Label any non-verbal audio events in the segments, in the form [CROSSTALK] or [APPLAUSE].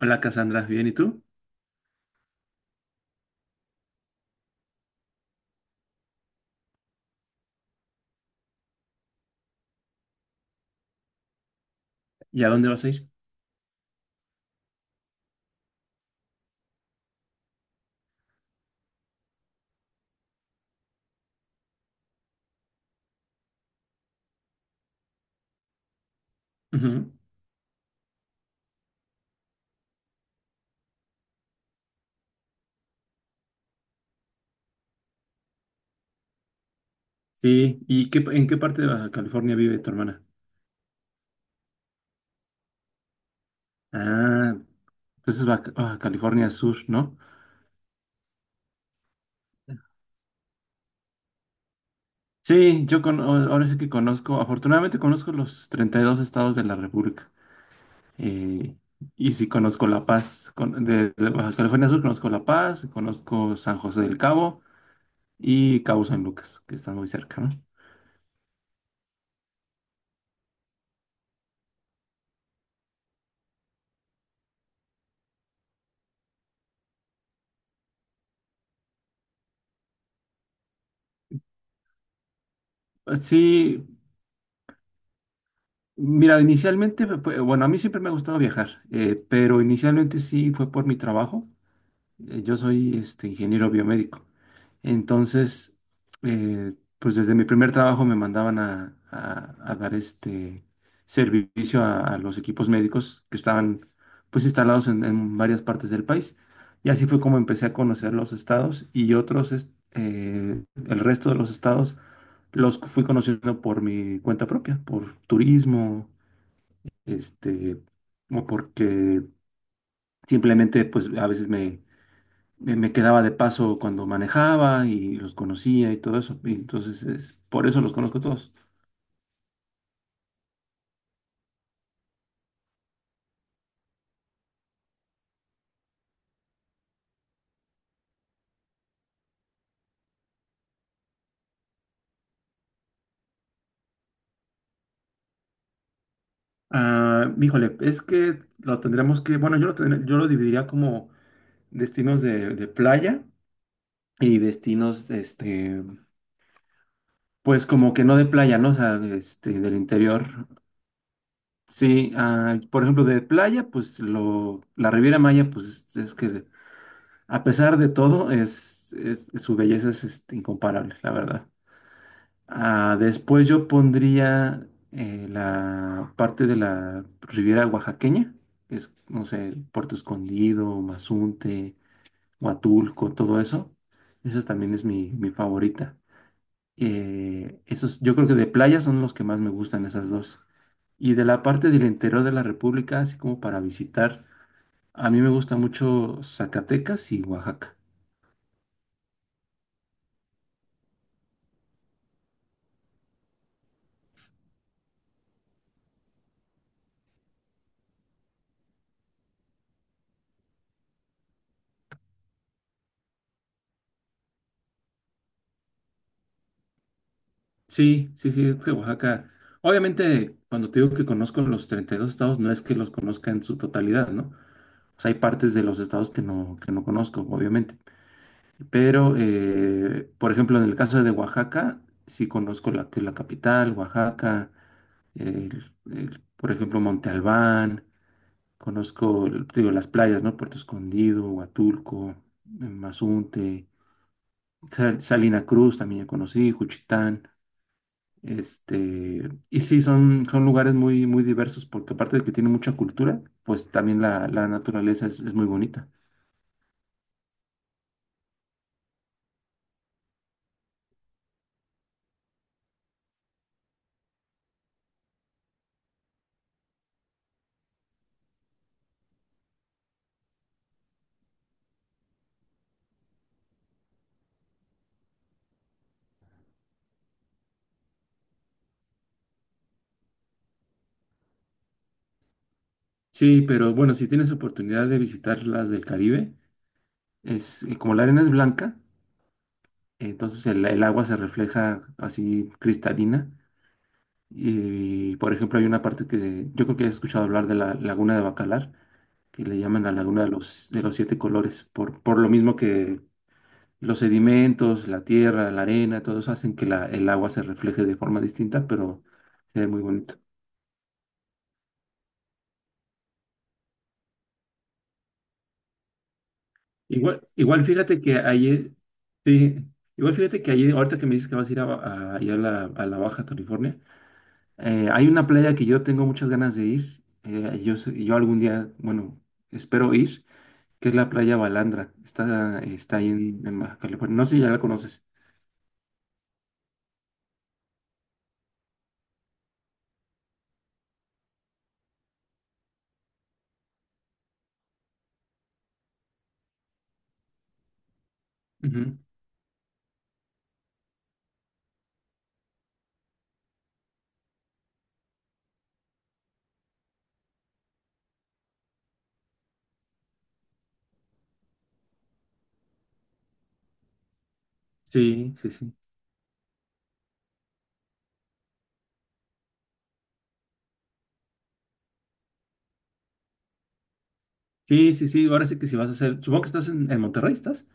Hola Cassandra, ¿bien y tú? ¿Y a dónde vas a ir? Ujú. Sí, ¿y qué, en qué parte de Baja California vive tu hermana? Ah, entonces Baja California Sur, ¿no? Sí, ahora sí que conozco, afortunadamente conozco los 32 estados de la República. Eh, y sí conozco La Paz, de Baja California Sur conozco La Paz, conozco San José del Cabo y Cabo San Lucas, que están muy cerca, ¿no? Sí, mira, inicialmente, bueno, a mí siempre me ha gustado viajar, pero inicialmente sí fue por mi trabajo. Yo soy este, ingeniero biomédico. Entonces, eh, pues desde mi primer trabajo me mandaban a dar este servicio a los equipos médicos que estaban pues instalados en varias partes del país. Y así fue como empecé a conocer los estados y otros, el resto de los estados los fui conociendo por mi cuenta propia, por turismo, este, o porque simplemente pues a veces me quedaba de paso cuando manejaba y los conocía y todo eso. Y entonces, por eso los conozco todos. Ah, híjole, es que bueno, yo lo dividiría como destinos de playa y destinos, este, pues como que no de playa, ¿no? O sea, este, del interior. Sí, ah, por ejemplo, de playa, la Riviera Maya, pues es que a pesar de todo, su belleza es este, incomparable, la verdad. Ah, después yo pondría la parte de la Riviera Oaxaqueña, que es, no sé, el Puerto Escondido, Mazunte, Huatulco, todo eso. Esa también es mi, mi favorita. Esos, yo creo que de playa son los que más me gustan esas dos. Y de la parte del interior de la República, así como para visitar, a mí me gusta mucho Zacatecas y Oaxaca. Sí, sí, sí, es que Oaxaca, obviamente cuando te digo que conozco los 32 estados, no es que los conozca en su totalidad, ¿no? O sea, hay partes de los estados que no conozco, obviamente. Pero, por ejemplo, en el caso de Oaxaca, que es la capital, Oaxaca, por ejemplo, Monte Albán, conozco, te digo, las playas, ¿no? Puerto Escondido, Huatulco, Mazunte, Salina Cruz también ya conocí, Juchitán. Este, y sí, son, son lugares muy, muy diversos porque aparte de que tiene mucha cultura, pues también la naturaleza es muy bonita. Sí, pero bueno, si tienes oportunidad de visitar las del Caribe, es como la arena es blanca, entonces el agua se refleja así cristalina. Y por ejemplo, hay una parte que yo creo que has escuchado hablar de la Laguna de Bacalar, que le llaman la Laguna de los Siete Colores, por lo mismo que los sedimentos, la tierra, la arena, todos hacen que el agua se refleje de forma distinta, pero se ve muy bonito. Igual, fíjate que ayer, sí, igual fíjate que ayer, ahorita que me dices que vas a ir ir a la Baja California, hay una playa que yo tengo muchas ganas de ir. Yo algún día, bueno, espero ir, que es la playa Balandra. Está ahí en Baja California. No sé si ya la conoces. Ujú. Sí, sí, sí. Sí, sí, sí. Ahora sí que si vas a hacer, supongo que estás en Monterrey, ¿estás?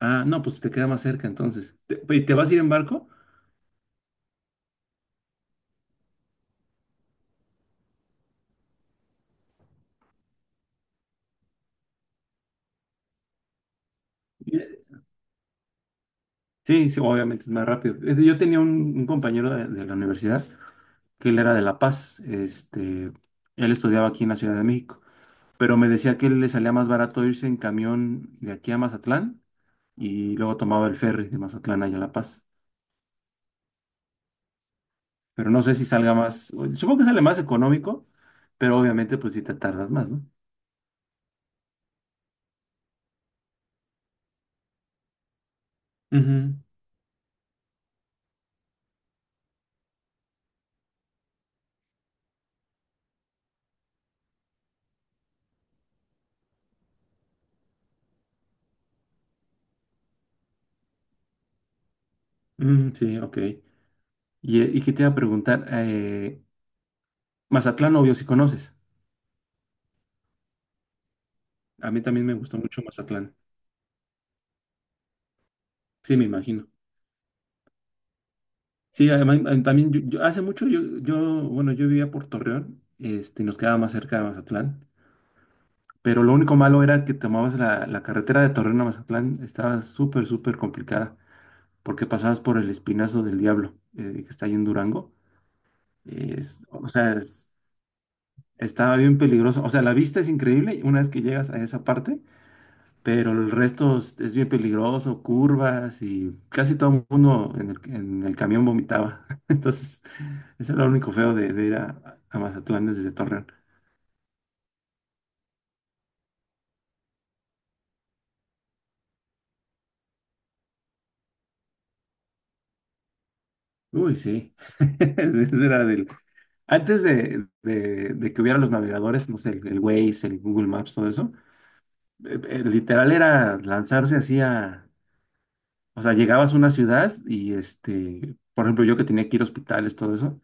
Ah, no, pues te queda más cerca entonces. ¿ Y te vas a ir en barco? Sí, sí, obviamente es más rápido. Yo tenía un compañero de la universidad que él era de La Paz, este, él estudiaba aquí en la Ciudad de México, pero me decía que le salía más barato irse en camión de aquí a Mazatlán y luego tomaba el ferry de Mazatlán allá a La Paz. Pero no sé si salga más, supongo que sale más económico, pero obviamente pues si te tardas más, ¿no? Ujú. Mm, sí, ok. Y que te iba a preguntar, Mazatlán obvio si conoces. A mí también me gustó mucho Mazatlán. Sí, me imagino. Sí, además, también hace mucho bueno, yo vivía por Torreón, este, nos quedaba más cerca de Mazatlán, pero lo único malo era que tomabas la, la carretera de Torreón a Mazatlán, estaba súper, súper complicada, porque pasabas por el Espinazo del Diablo, que está ahí en Durango. Es- o sea, es- Estaba bien peligroso. O sea, la vista es increíble una vez que llegas a esa parte, pero el resto es bien peligroso, curvas y casi todo el mundo en el camión vomitaba. [LAUGHS] Entonces, ese era lo único feo de ir a Mazatlán desde Torreón. Uy, sí. [LAUGHS] Ese era del... Antes de, de que hubiera los navegadores, no sé, el Waze, el Google Maps, todo eso, literal era lanzarse así a... O sea, llegabas a una ciudad y este, por ejemplo, yo que tenía que ir a hospitales, todo eso.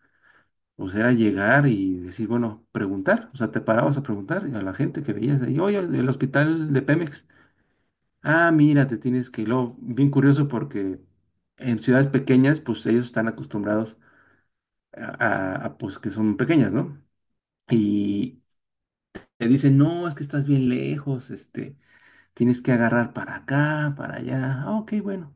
O sea, llegar y decir, bueno, preguntar. O sea, te parabas a preguntar a la gente que veías ahí, oye, el hospital de Pemex. Ah, mira, te tienes que ir. Luego, bien curioso porque en ciudades pequeñas, pues ellos están acostumbrados a, pues que son pequeñas, ¿no? Y te dicen, no, es que estás bien lejos, este, tienes que agarrar para acá, para allá. Ah, ok, bueno.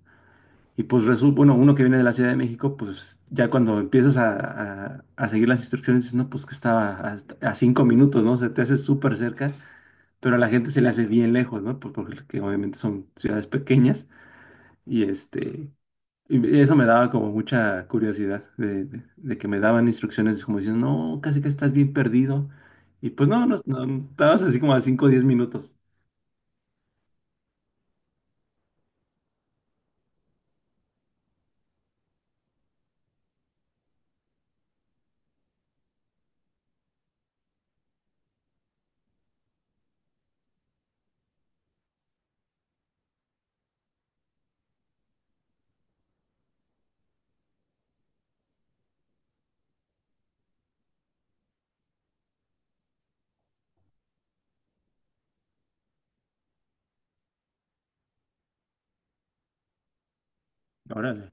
Y pues resulta, bueno, uno que viene de la Ciudad de México, pues ya cuando empiezas a seguir las instrucciones, dices, no, pues que estaba 5 minutos, ¿no? Se te hace súper cerca, pero a la gente se le hace bien lejos, ¿no? Porque obviamente son ciudades pequeñas y este, y eso me daba como mucha curiosidad de, de que me daban instrucciones como diciendo, no, casi que estás bien perdido. Y pues no, no, no, estabas así como a 5 o 10 minutos. Órale.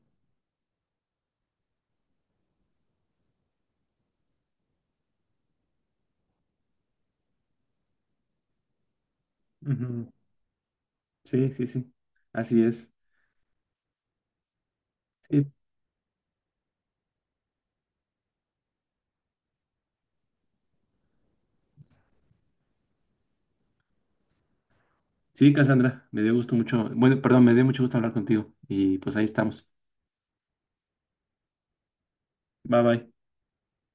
Ujú. Sí, sí, sí, así es. Sí, Cassandra, me dio gusto mucho, bueno, perdón, me dio mucho gusto hablar contigo y pues ahí estamos. Bye bye.